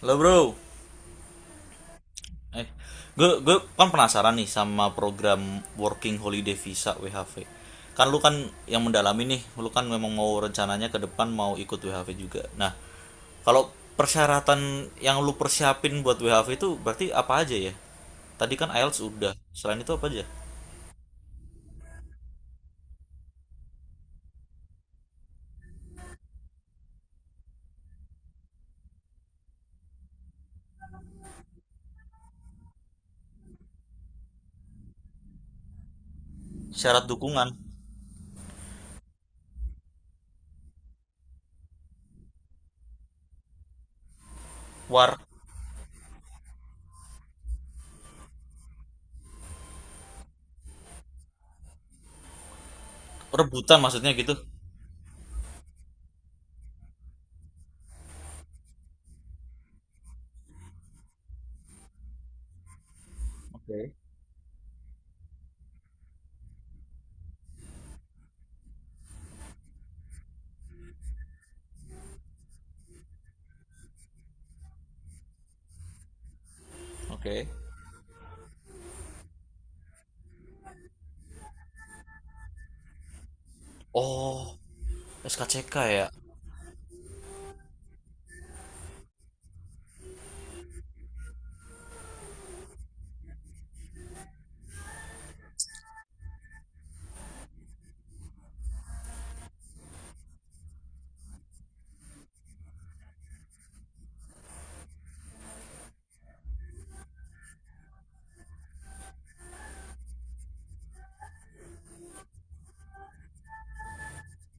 Halo bro. Eh, gue kan penasaran nih sama program Working Holiday Visa WHV. Kan lu kan yang mendalami nih, lu kan memang mau rencananya ke depan mau ikut WHV juga. Nah, kalau persyaratan yang lu persiapin buat WHV itu berarti apa aja ya? Tadi kan IELTS udah. Selain itu apa aja? Syarat dukungan, war, rebutan maksudnya gitu. Oke, oke. Oh, SKCK ya.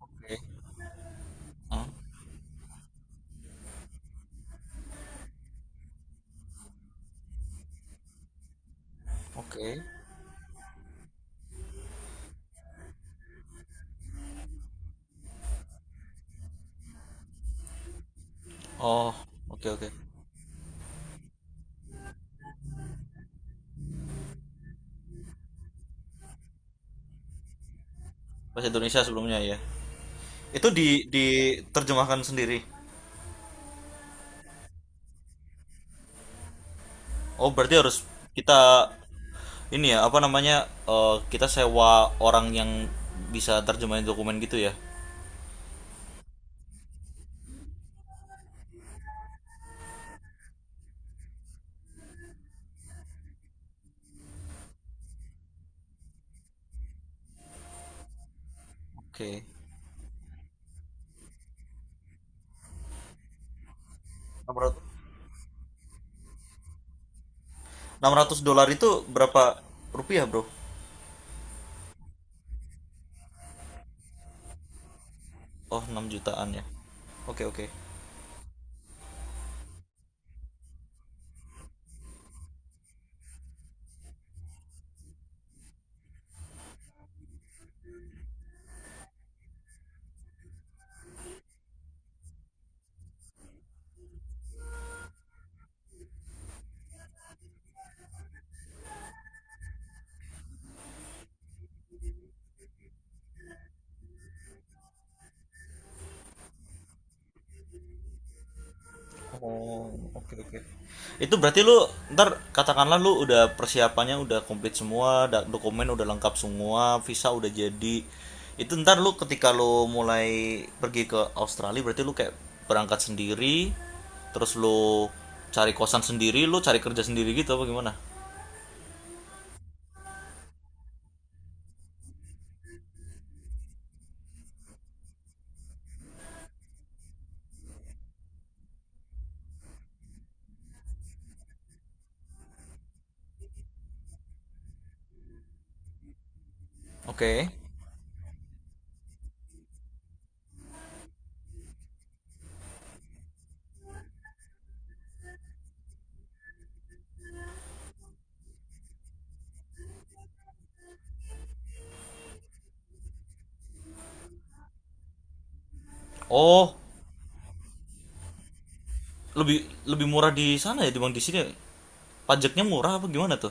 Oke, hah? Oke. Oh, oke, oke. Bahasa Indonesia sebelumnya ya, itu diterjemahkan sendiri. Oh, berarti harus kita ini ya apa namanya, kita sewa orang yang bisa terjemahin dokumen gitu ya. Oke, okay. 600 dolar itu berapa rupiah bro? Oh, 6 jutaan ya. Oke, okay, oke, okay. Oh, oke, oke. Itu berarti lu ntar katakanlah lu udah persiapannya udah komplit semua, dokumen udah lengkap semua, visa udah jadi. Itu ntar lu ketika lu mulai pergi ke Australia berarti lu kayak berangkat sendiri, terus lu cari kosan sendiri, lu cari kerja sendiri, gitu apa gimana? Oke. Oh, lebih lebih murah di sana ya dibanding di sini. Ya? Pajaknya murah apa gimana tuh?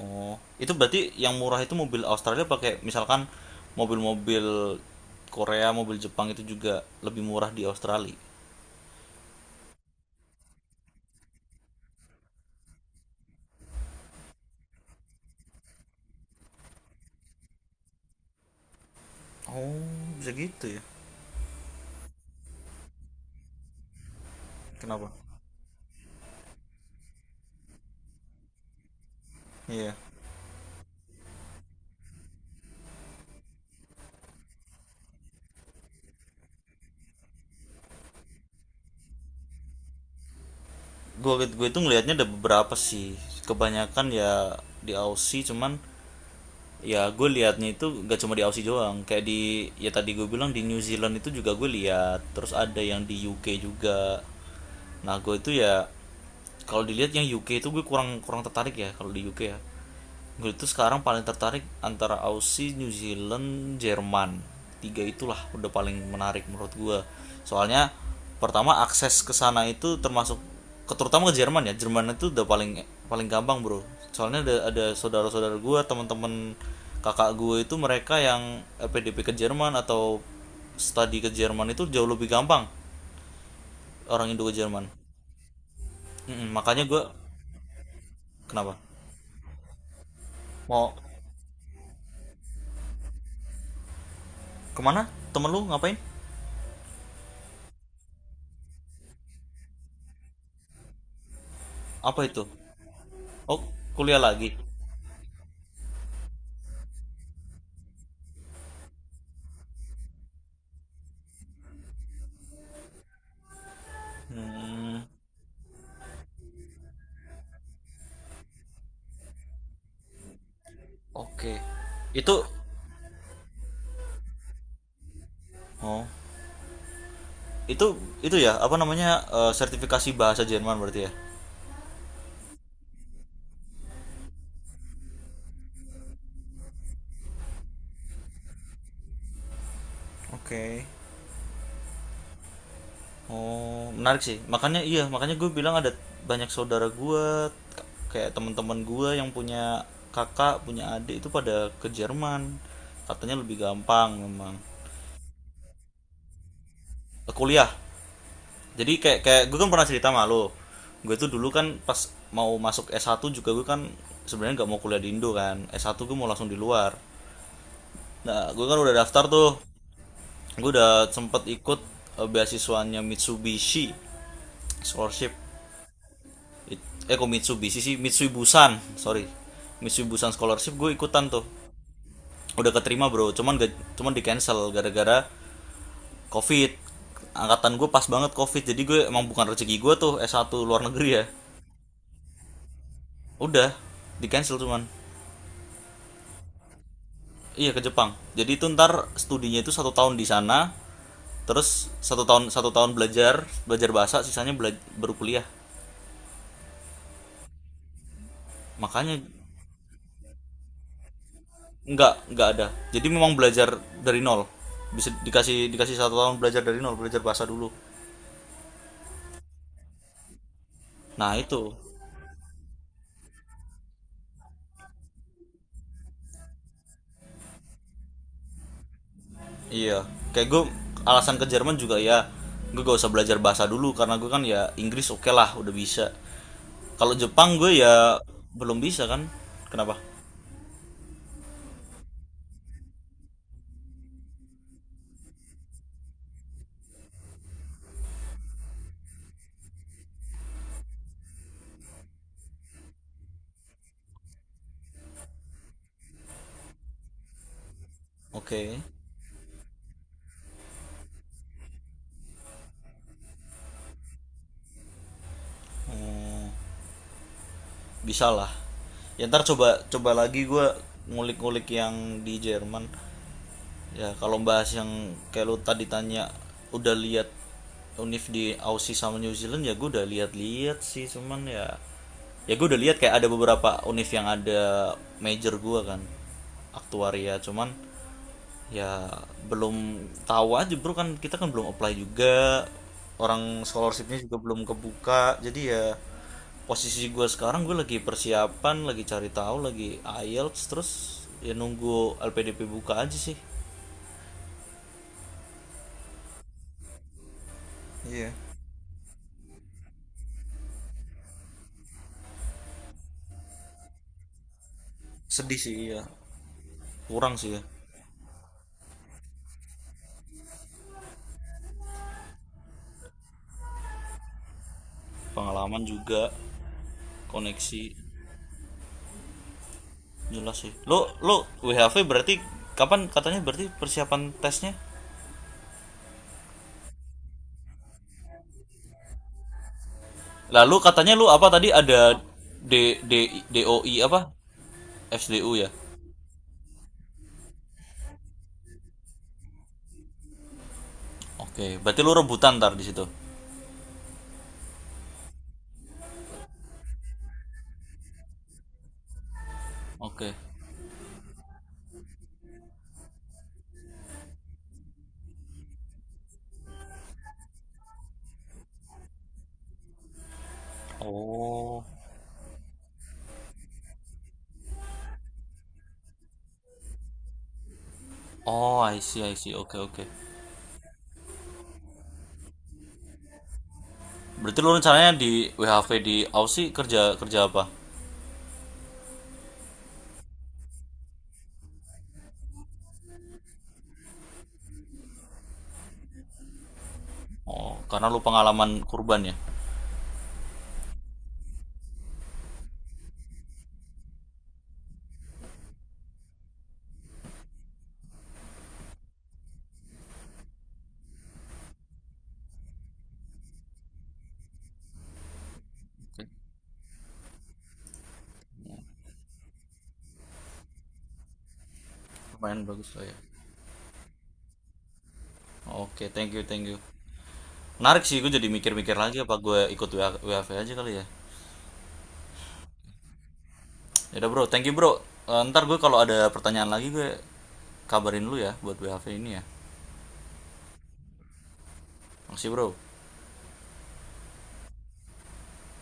Oh, itu berarti yang murah itu mobil Australia, pakai misalkan mobil-mobil Korea, mobil Jepang, itu juga lebih murah di Australia. Oh, bisa gitu ya. Kenapa? Iya. Gue itu ngelihatnya ada beberapa sih. Kebanyakan ya di Aussie, cuman ya gue liatnya itu gak cuma di Aussie doang, kayak di ya tadi gue bilang di New Zealand itu juga gue lihat, terus ada yang di UK juga. Nah, gue itu ya kalau dilihat yang UK itu gue kurang kurang tertarik ya, kalau di UK ya gue itu sekarang paling tertarik antara Aussie, New Zealand, Jerman. Tiga itulah udah paling menarik menurut gue, soalnya pertama akses ke sana itu termasuk, terutama ke Jerman ya. Jerman itu udah paling paling gampang bro, soalnya ada saudara-saudara gue, teman-teman kakak gue itu, mereka yang PDP ke Jerman atau studi ke Jerman itu jauh lebih gampang orang Indo ke Jerman. Mm-mm, makanya gue. Kenapa? Mau kemana temen lu, ngapain? Apa itu? Oh, kuliah lagi. Hmm, oke, okay. Itu. Oh, itu itu ya apa namanya, sertifikasi bahasa Jerman berarti ya? Oke, okay. Oh, menarik sih. Makanya iya, makanya gue bilang ada banyak saudara gue, kayak teman-teman gue yang punya kakak, punya adik itu pada ke Jerman. Katanya lebih gampang memang. Kuliah. Jadi kayak kayak gue kan pernah cerita sama lo. Gue tuh dulu kan pas mau masuk S1 juga, gue kan sebenarnya nggak mau kuliah di Indo kan. S1 gue mau langsung di luar. Nah, gue kan udah daftar tuh. Gue udah sempet ikut beasiswanya Mitsubishi scholarship, kok Mitsubishi sih, Mitsui Busan, sorry, Mitsui Busan scholarship gue ikutan tuh, udah keterima bro, cuman gak, cuman di cancel gara-gara covid. Angkatan gue pas banget covid, jadi gue emang bukan rezeki gue tuh s satu luar negeri ya. Udah di cancel, cuman iya, ke Jepang, jadi itu ntar studinya itu satu tahun di sana. Terus satu tahun belajar belajar bahasa, sisanya baru kuliah. Makanya nggak ada, jadi memang belajar dari nol, bisa dikasih dikasih satu tahun belajar dari nol, belajar bahasa dulu. Nah itu. Iya kayak gue, alasan ke Jerman juga ya gue gak usah belajar bahasa dulu, karena gue kan ya Inggris oke lah udah bisa, kalau Jepang gue ya belum bisa kan. Kenapa? Oke. Hmm, bisa lah ya, ntar coba coba lagi gue ngulik-ngulik yang di Jerman. Ya, kalau bahas yang kayak lu tadi tanya, udah lihat Unif di Aussie sama New Zealand, ya gue udah lihat-lihat sih, cuman ya ya gue udah lihat kayak ada beberapa Unif yang ada major gue kan aktuaria, cuman ya belum tahu aja bro, kan kita kan belum apply juga, orang scholarshipnya juga belum kebuka, jadi ya posisi gue sekarang gue lagi persiapan lagi, cari tahu lagi IELTS, terus ya nunggu LPDP buka aja sih. Iya. Sedih sih ya. Kurang sih ya. Pengalaman juga, koneksi jelas sih. Lo lo WHV berarti kapan katanya berarti persiapan tesnya? Lalu katanya lu apa tadi, ada D D DOI apa? SDU ya. Oke, berarti lu rebutan ntar di situ. Oke. Oh. Oh, I see, I see. Oke, oke. Berarti lu rencananya di WHV di Aussie kerja kerja apa? Oh, karena lu pengalaman kurban ya. Oke. Lumayan bagus lah ya. Oke, thank you, thank you. Menarik sih, gue jadi mikir-mikir lagi apa gue ikut WAV aja kali ya. Ya udah bro, thank you bro. Ntar gue kalau ada pertanyaan lagi gue kabarin lu ya buat WAV ini ya. Makasih bro.